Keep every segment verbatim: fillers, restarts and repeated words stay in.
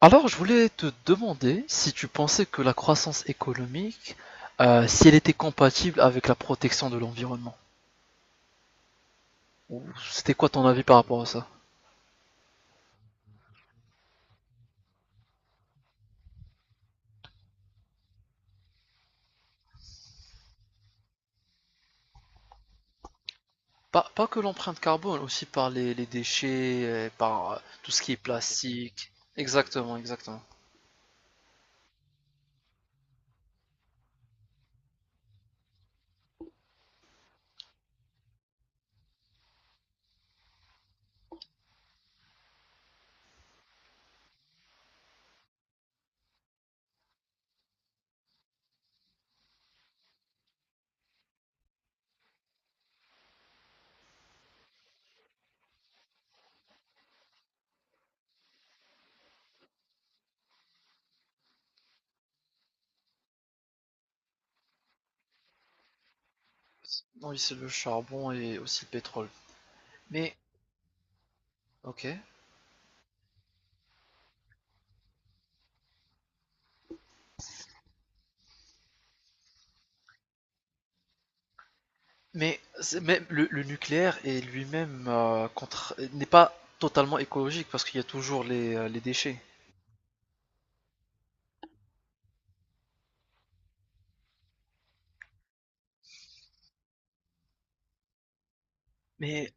Alors, je voulais te demander si tu pensais que la croissance économique, euh, si elle était compatible avec la protection de l'environnement. Ou C'était quoi ton avis par rapport à ça? Pas, pas que l'empreinte carbone, aussi par les, les déchets, euh, par euh, tout ce qui est plastique. Exactement, exactement. Oui, c'est le charbon et aussi le pétrole. Mais, ok. Mais c'est- même le, le nucléaire est lui-même euh, contre- n'est pas totalement écologique parce qu'il y a toujours les, euh, les déchets. Mais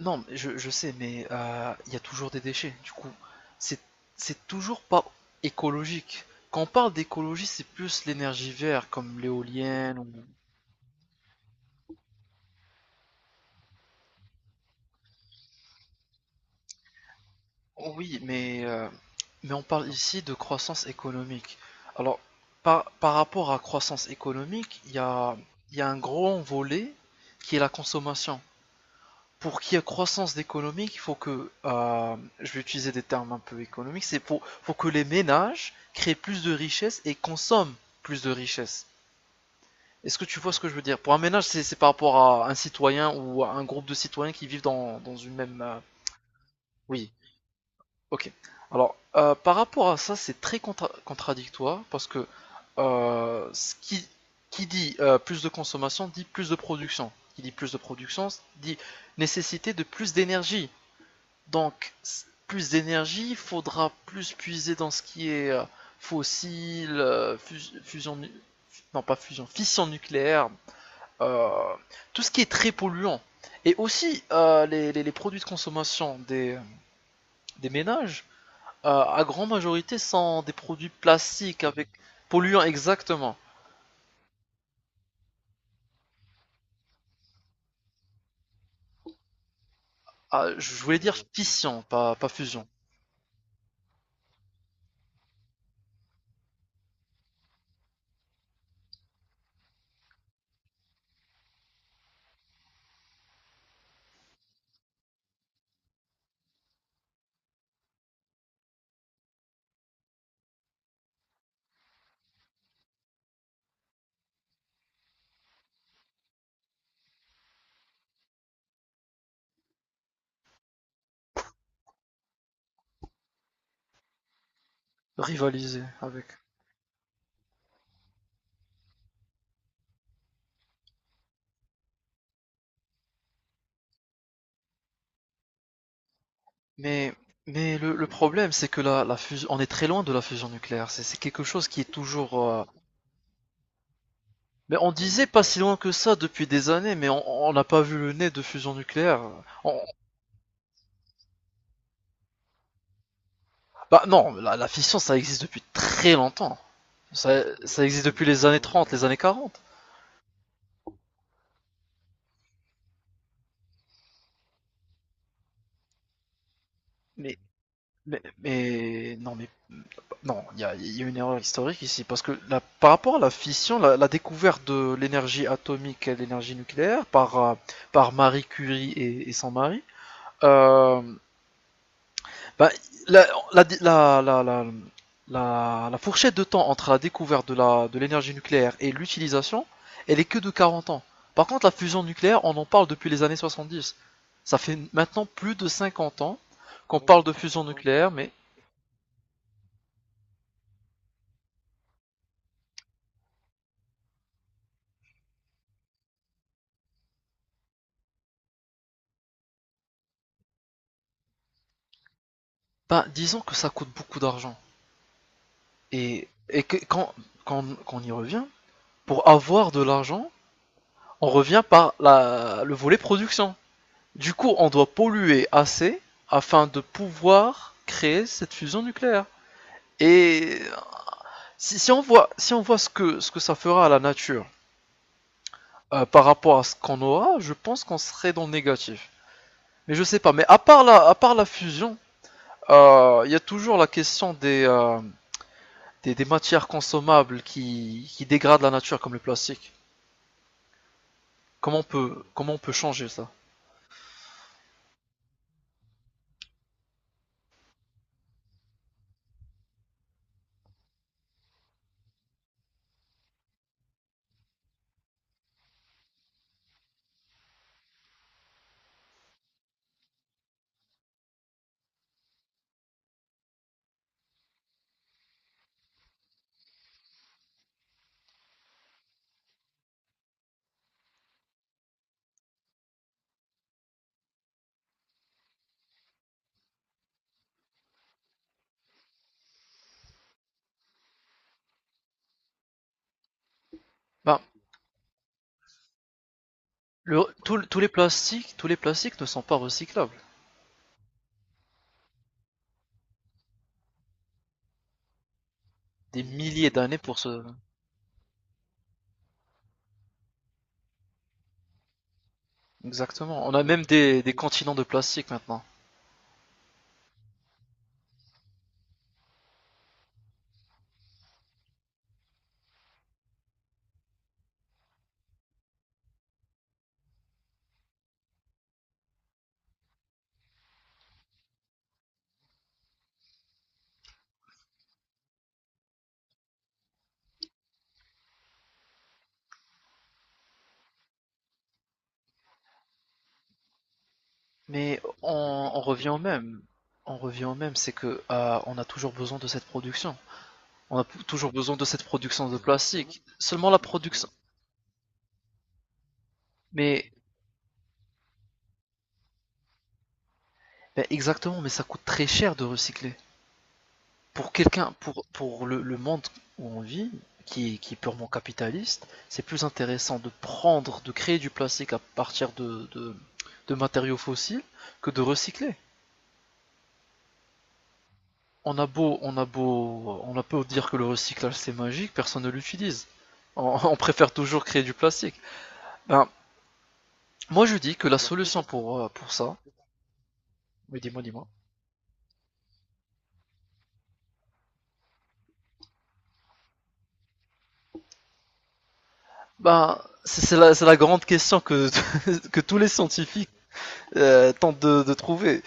Non, mais je, je sais, mais euh, il y a toujours des déchets. Du coup, c'est c'est toujours pas écologique. Quand on parle d'écologie, c'est plus l'énergie verte, comme l'éolienne ou- Oh oui, mais euh, mais on parle ici de croissance économique. Alors, par par rapport à croissance économique, il y a il y a un gros volet qui est la consommation. Pour qu'il y ait croissance économique, il faut que, euh, je vais utiliser des termes un peu économiques, c'est pour, faut que les ménages créent plus de richesses et consomment plus de richesses. Est-ce que tu vois ce que je veux dire? Pour un ménage, c'est c'est par rapport à un citoyen ou à un groupe de citoyens qui vivent dans, dans une même... euh, Oui, ok. Alors, euh, par rapport à ça, c'est très contra- contradictoire parce que euh, ce qui, qui dit euh, plus de consommation dit plus de production. Qui dit plus de production dit nécessité de plus d'énergie. Donc, plus d'énergie, il faudra plus puiser dans ce qui est euh, fossile, euh, fus- fusion, non pas fusion, fission nucléaire, euh, tout ce qui est très polluant. Et aussi, euh, les, les- les produits de consommation des, des ménages, euh, à grande majorité, sont des produits plastiques avec polluants exactement. Ah, je voulais dire fission, pas, pas fusion. Rivaliser avec. Mais, mais le, le problème, c'est que la, la fusion, on est très loin de la fusion nucléaire. C'est c'est quelque chose qui est toujours. euh, Mais on disait pas si loin que ça depuis des années, mais on on n'a pas vu le nez de fusion nucléaire. On- Bah non, la, la fission, ça existe depuis très longtemps. Ça, ça existe depuis les années trente les années quarante. Mais, mais, mais non, mais non, il y a, il y a une erreur historique ici parce que la- par rapport à la fission, la, la découverte de l'énergie atomique et de l'énergie nucléaire par euh, par Marie Curie et, et son mari. Euh, bah, la, la, la- la- la- la- la fourchette de temps entre la découverte de la- de l'énergie nucléaire et l'utilisation, elle est que de quarante ans. Par contre, la fusion nucléaire, on en parle depuis les années soixante-dix. Ça fait maintenant plus de cinquante ans qu'on parle de fusion nucléaire, mais ben, disons que ça coûte beaucoup d'argent. Et, et que, quand, quand, quand on y revient, pour avoir de l'argent, on revient par la, le volet production. Du coup, on doit polluer assez afin de pouvoir créer cette fusion nucléaire. Et si, si on voit, si on voit ce, que, ce que ça fera à la nature euh, par rapport à ce qu'on aura, je pense qu'on serait dans le négatif. Mais je sais pas, mais à part la, à part la fusion, il euh, y a toujours la question des, euh, des, des matières consommables qui, qui dégradent la nature comme le plastique. Comment on peut, comment on peut changer ça? Ben, le, tout- tous les plastiques, tous les plastiques ne sont pas recyclables. Des milliers d'années pour se, exactement. On a même des, des continents de plastique maintenant. Mais on, on revient au même. On revient au même, c'est que euh, on a toujours besoin de cette production. On a p- toujours besoin de cette production de plastique. Seulement la production. Mais ben exactement, mais ça coûte très cher de recycler. Pour quelqu'un, pour, pour le, le monde où on vit, qui, est- qui est purement capitaliste, c'est plus intéressant de prendre, de créer du plastique à partir de, de, de matériaux fossiles que de recycler. On a beau, on a beau, on a beau dire que le recyclage c'est magique, personne ne l'utilise. On, on préfère toujours créer du plastique. Ben, moi je dis que la solution pour, euh, pour ça, oui dis-moi, dis-moi, ben, c'est la, c'est la grande question que, que tous les scientifiques euh, tentent de, de trouver.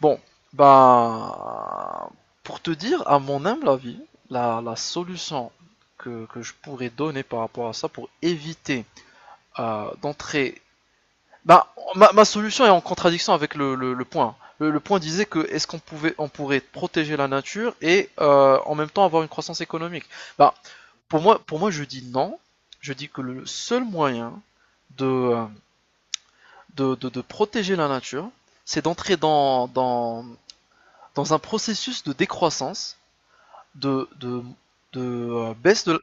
Bon, ben, pour te dire, à mon humble avis, la, la solution que, que je pourrais donner par rapport à ça pour éviter euh, d'entrer. Bah, ma, ma solution est en contradiction avec le, le, le point. Le, le point disait que est-ce qu'on pouvait, on pourrait protéger la nature et euh, en même temps avoir une croissance économique. Bah, pour moi, pour moi, je dis non. Je dis que le seul moyen de, de, de, de protéger la nature, c'est d'entrer dans, dans, dans un processus de décroissance, de, de, de, euh, baisse de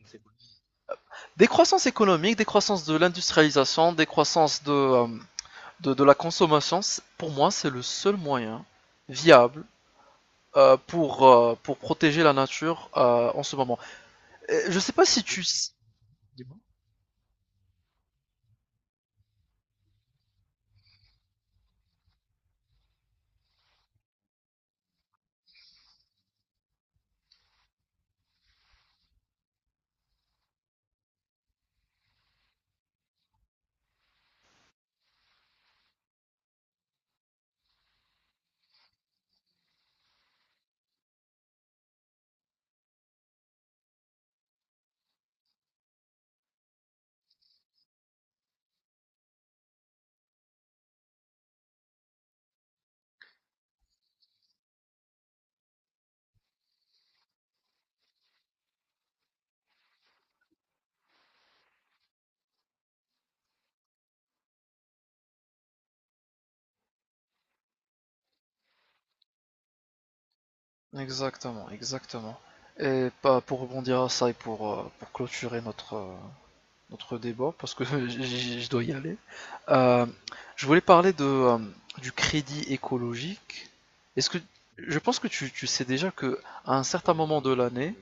décroissance économique, décroissance de l'industrialisation, décroissance de euh, de, de la consommation, pour moi, c'est le seul moyen viable euh, pour, euh, pour protéger la nature euh, en ce moment. Et je sais pas si tu... Exactement, exactement. Et pas pour rebondir à ça et pour, euh, pour clôturer notre, euh, notre débat, parce que je dois y aller, euh, je voulais parler de, euh, du crédit écologique. Est-ce que... Je pense que tu, tu sais déjà que à un certain moment de l'année,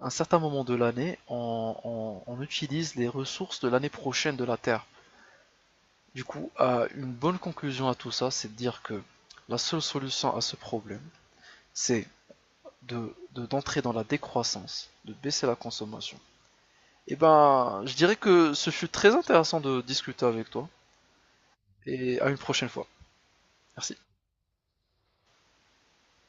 un certain moment de l'année, on, on- on utilise les ressources de l'année prochaine de la Terre. Du coup, euh, une bonne conclusion à tout ça, c'est de dire que la seule solution à ce problème, c'est de, de- d'entrer dans la décroissance, de baisser la consommation. Et ben, je dirais que ce fut très intéressant de discuter avec toi, et à une prochaine fois. Merci.